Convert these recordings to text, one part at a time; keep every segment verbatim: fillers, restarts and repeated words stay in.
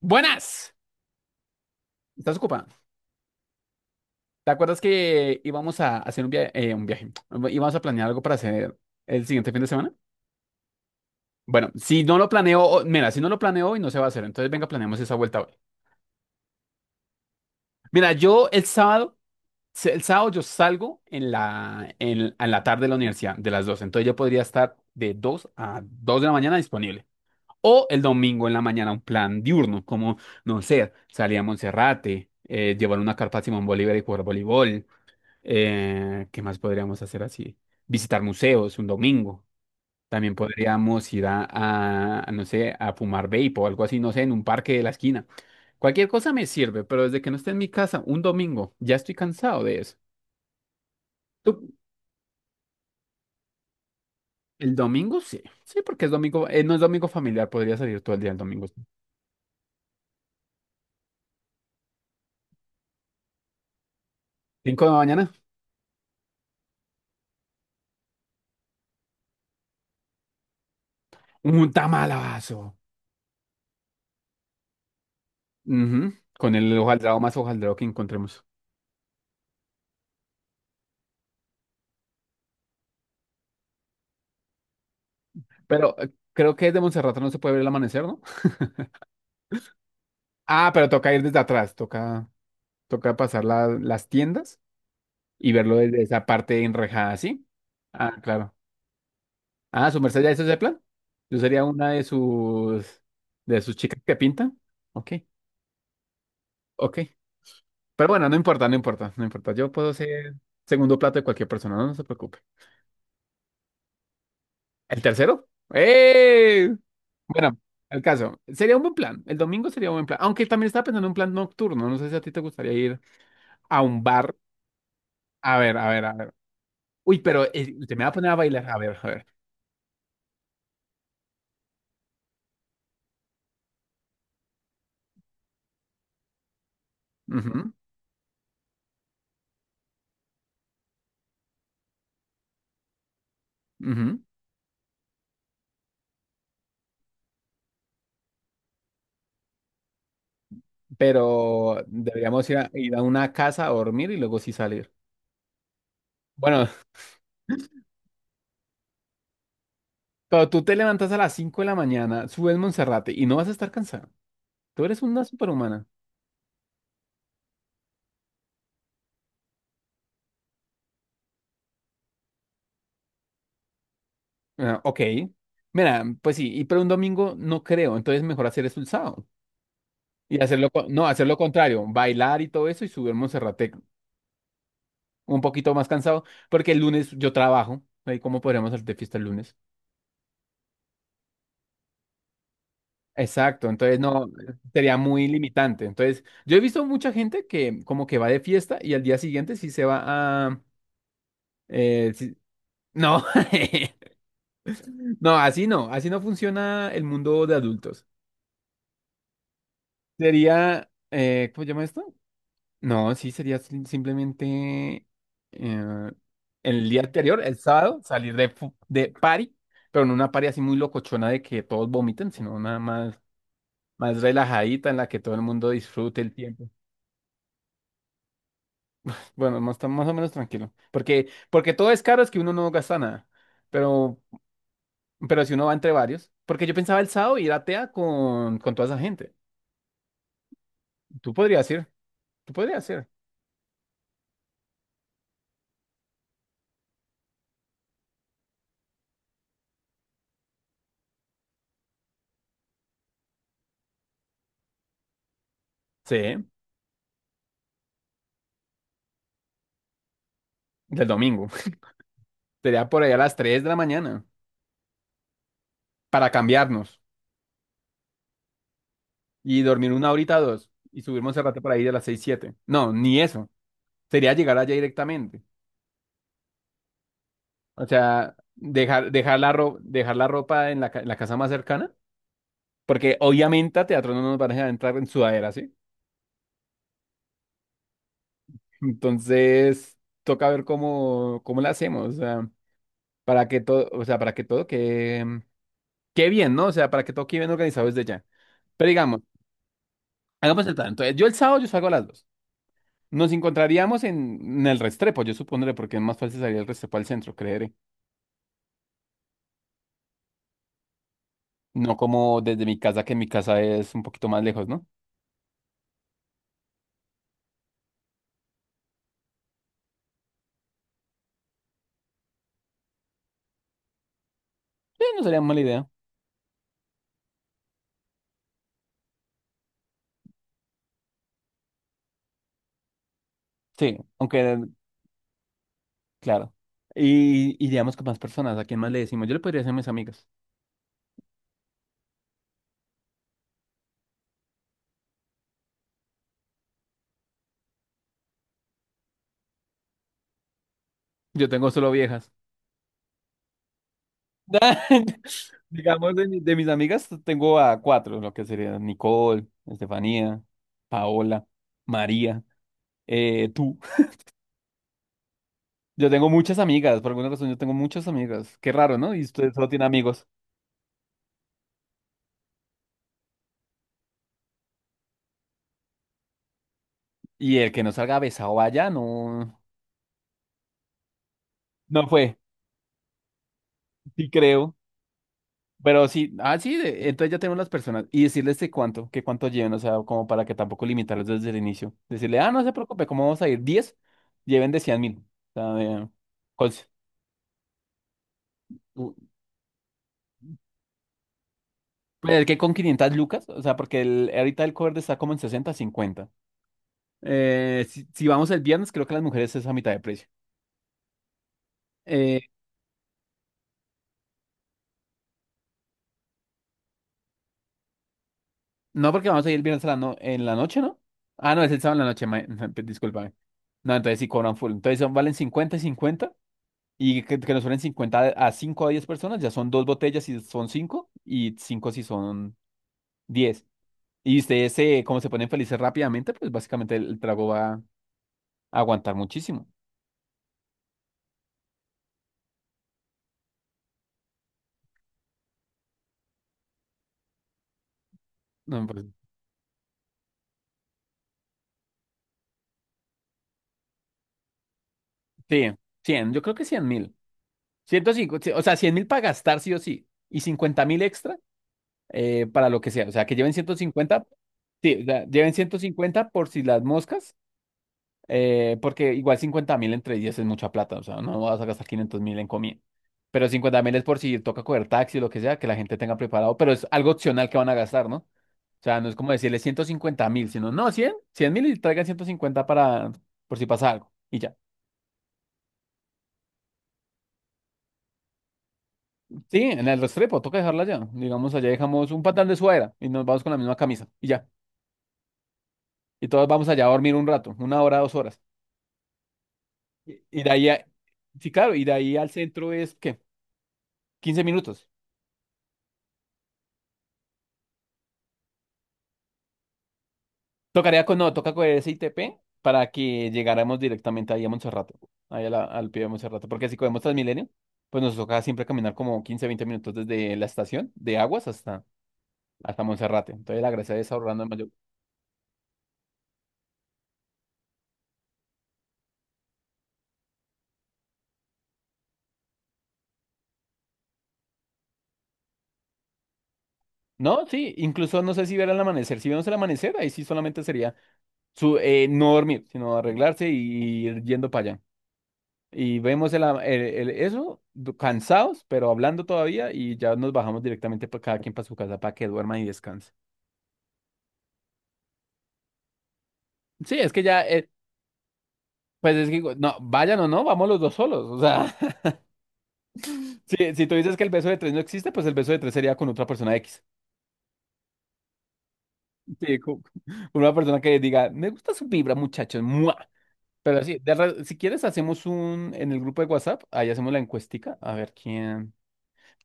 Buenas, ¿estás ocupada? ¿Te acuerdas que íbamos a hacer un, via- eh, un viaje? Íbamos a planear algo para hacer el siguiente fin de semana. Bueno, si no lo planeo, o- mira, si no lo planeo hoy no se va a hacer. Entonces venga, planeemos esa vuelta hoy. Mira, yo el sábado, se- el sábado yo salgo en la, en, en la tarde de la universidad, de las dos. Entonces yo podría estar de dos a dos de la mañana disponible. O el domingo en la mañana un plan diurno, como, no sé, salir a Monserrate, eh, llevar una carpa a Simón Bolívar y jugar voleibol. Eh, ¿qué más podríamos hacer así? Visitar museos un domingo. También podríamos ir a, a, a, no sé, a fumar vape o algo así, no sé, en un parque de la esquina. Cualquier cosa me sirve, pero desde que no esté en mi casa un domingo, ya estoy cansado de eso. Tú- El domingo sí, sí, porque es domingo, eh, no es domingo familiar, podría salir todo el día el domingo. Cinco de la mañana, un tamalazo. Ujú. Con el hojaldrado más hojaldrado que encontremos. Pero eh, creo que desde Monserrate no se puede ver el amanecer, ¿no? Ah, pero toca ir desde atrás, toca. Toca pasar la- las tiendas y verlo desde esa parte enrejada, ¿sí? Ah, claro. Ah, ¿su merced ya hizo ese plan? Yo sería una de sus de sus chicas que pintan. Ok, ok. Pero bueno, no importa, no importa, no importa. Yo puedo ser segundo plato de cualquier persona, no, no se preocupe. ¿El tercero? ¡Eh! Bueno, el caso. Sería un buen plan. El domingo sería un buen plan. Aunque también estaba pensando en un plan nocturno. No sé si a ti te gustaría ir a un bar. A ver, a ver, a ver. Uy, pero eh, usted me va a poner a bailar. A ver, a ver. Ujú. Ujú. Pero deberíamos ir a, ir a una casa a dormir y luego sí salir. Bueno, pero tú te levantas a las cinco de la mañana, subes Monserrate y no vas a estar cansada. Tú eres una superhumana. Ah, ok. Mira, pues sí, y pero un domingo no creo, entonces mejor hacer eso el sábado. Y hacerlo, co- no, hacer lo contrario, bailar y todo eso y subir Monserrate un poquito más cansado, porque el lunes yo trabajo. Ahí, ¿cómo podríamos hacer de fiesta el lunes? Exacto, entonces no sería muy limitante. Entonces, yo he visto mucha gente que como que va de fiesta y al día siguiente sí se va a... eh, sí- No, no, así no, así no funciona el mundo de adultos. Sería, eh, ¿cómo se llama esto? No, sí, sería sim- simplemente eh, el día anterior, el sábado, salir de, fu- de party, pero no una party así muy locochona de que todos vomiten, sino una más, más relajadita en la que todo el mundo disfrute el tiempo. Bueno, más, tan- más o menos tranquilo. Porque, porque todo es caro, es que uno no gasta nada. Pero, pero si uno va entre varios. Porque yo pensaba el sábado ir a T E A con, con toda esa gente. Tú podrías ir. Tú podrías ir. Sí, del domingo. Sería por ahí a las tres de la mañana. Para cambiarnos. Y dormir una horita o dos. Y subirnos el rato por ahí de las seis siete. No, ni eso. Sería llegar allá directamente. O sea, dejar, dejar la, ro- dejar la ropa en la, ca- en la casa más cercana. Porque obviamente a teatro no nos van a dejar entrar en sudadera, ¿sí? Entonces, toca ver cómo, cómo la hacemos, o sea, para que todo, o sea, para que todo quede, mm, quede bien, ¿no? O sea, para que todo quede bien organizado desde ya. Pero digamos, hagamos el plan. Entonces, yo el sábado yo salgo a las dos. Nos encontraríamos en, en el Restrepo, yo supondré, porque es más fácil salir del Restrepo al centro, creeré. No como desde mi casa, que mi casa es un poquito más lejos, ¿no? Sí, no sería mala idea. Sí, aunque, claro. Y iríamos con más personas. ¿A quién más le decimos? Yo le podría decir a mis amigas. Yo tengo solo viejas. Digamos, de, mi- de mis amigas tengo a cuatro, lo que serían Nicole, Estefanía, Paola, María, eh, tú. Yo tengo muchas amigas, por alguna razón yo tengo muchas amigas. Qué raro, ¿no? Y usted solo tiene amigos. Y el que no salga besado allá no, no fue, sí creo. Pero sí, ah, sí, de- entonces ya tenemos las personas. Y decirles de cuánto, que cuánto lleven, o sea, como para que tampoco limitarlos desde el inicio. Decirle, ah, no se preocupe, ¿cómo vamos a ir? Diez, lleven de cien mil. O sea, de- cons- Pero el que con quinientas lucas, o sea, porque el, ahorita el cover está como en sesenta cincuenta. Eh, si, si vamos el viernes, creo que las mujeres es a mitad de precio. Eh, no, porque vamos a ir el viernes a la no- en la noche, ¿no? Ah, no, es el sábado en la noche, ma- discúlpame. No, entonces sí cobran full. Entonces son- valen cincuenta y cincuenta. Y que, que nos suelen cincuenta a cinco a diez personas, ya son dos botellas si son cinco y cinco si son diez. Y ustedes, eh, como se ponen felices rápidamente, pues básicamente el, el trago va a aguantar muchísimo. No, pues sí, cien. Yo creo que cien mil. ciento cincuenta, o sea, cien mil para gastar sí o sí. Y cincuenta mil extra eh, para lo que sea. O sea, que lleven ciento cincuenta. Sí, o sea, lleven ciento cincuenta por si las moscas, eh, porque igual cincuenta mil entre diez es mucha plata. O sea, no vas a gastar quinientos mil en comida. Pero cincuenta mil es por si toca coger taxi o lo que sea, que la gente tenga preparado. Pero es algo opcional que van a gastar, ¿no? O sea, no es como decirle ciento cincuenta mil, sino no, cien, cien mil y traigan ciento cincuenta para, por si pasa algo. Y ya. Sí, en el Restrepo, toca dejarla allá. Digamos, allá dejamos un pantalón de suadera y nos vamos con la misma camisa y ya. Y todos vamos allá a dormir un rato, una hora, dos horas. Y, y de ahí, a- sí, claro, y de ahí al centro es, ¿qué? Quince minutos. Tocaría con, no, toca con ese I T P para que llegáramos directamente ahí a Monserrate, ahí a la- al pie de Monserrate. Porque si cogemos Transmilenio, pues nos toca siempre caminar como quince, veinte minutos desde la estación de Aguas hasta, hasta Monserrate. Entonces la gracia es ahorrando en mayor. No, sí, incluso no sé si ver el amanecer. Si vemos el amanecer, ahí sí solamente sería su, eh, no dormir, sino arreglarse y ir yendo para allá. Y vemos el, a- el- el- eso, du- cansados, pero hablando todavía, y ya nos bajamos directamente para cada quien para su casa para que duerman y descansen. Sí, es que ya, eh, pues es que, digo, no, vayan o no, vamos los dos solos. O sea, si, si tú dices que el beso de tres no existe, pues el beso de tres sería con otra persona X. Sí, con, con una persona que diga, me gusta su vibra, muchachos, ¡mua! Pero sí, de re- si quieres, hacemos un, en el grupo de WhatsApp, ahí hacemos la encuestica, a ver quién.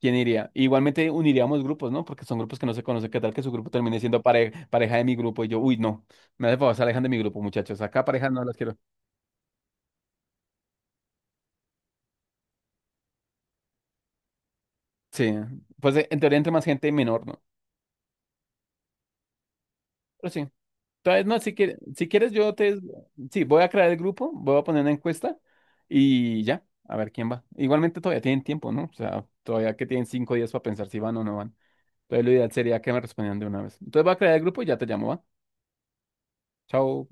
¿Quién iría? Igualmente uniríamos grupos, ¿no? Porque son grupos que no se conocen. ¿Qué tal que su grupo termine siendo pare- pareja de mi grupo? Y yo, uy, no. Me hace favor, se alejan de mi grupo, muchachos. Acá parejas no las quiero. Sí. Pues eh, en teoría entre más gente, menor, ¿no? Pero sí. Entonces, no, si quieres, si quieres, yo te. Sí, voy a crear el grupo, voy a poner una encuesta y ya. A ver quién va. Igualmente todavía tienen tiempo, ¿no? O sea, todavía que tienen cinco días para pensar si van o no van. Entonces, lo ideal sería que me respondieran de una vez. Entonces, voy a crear el grupo y ya te llamo, ¿va? Chao.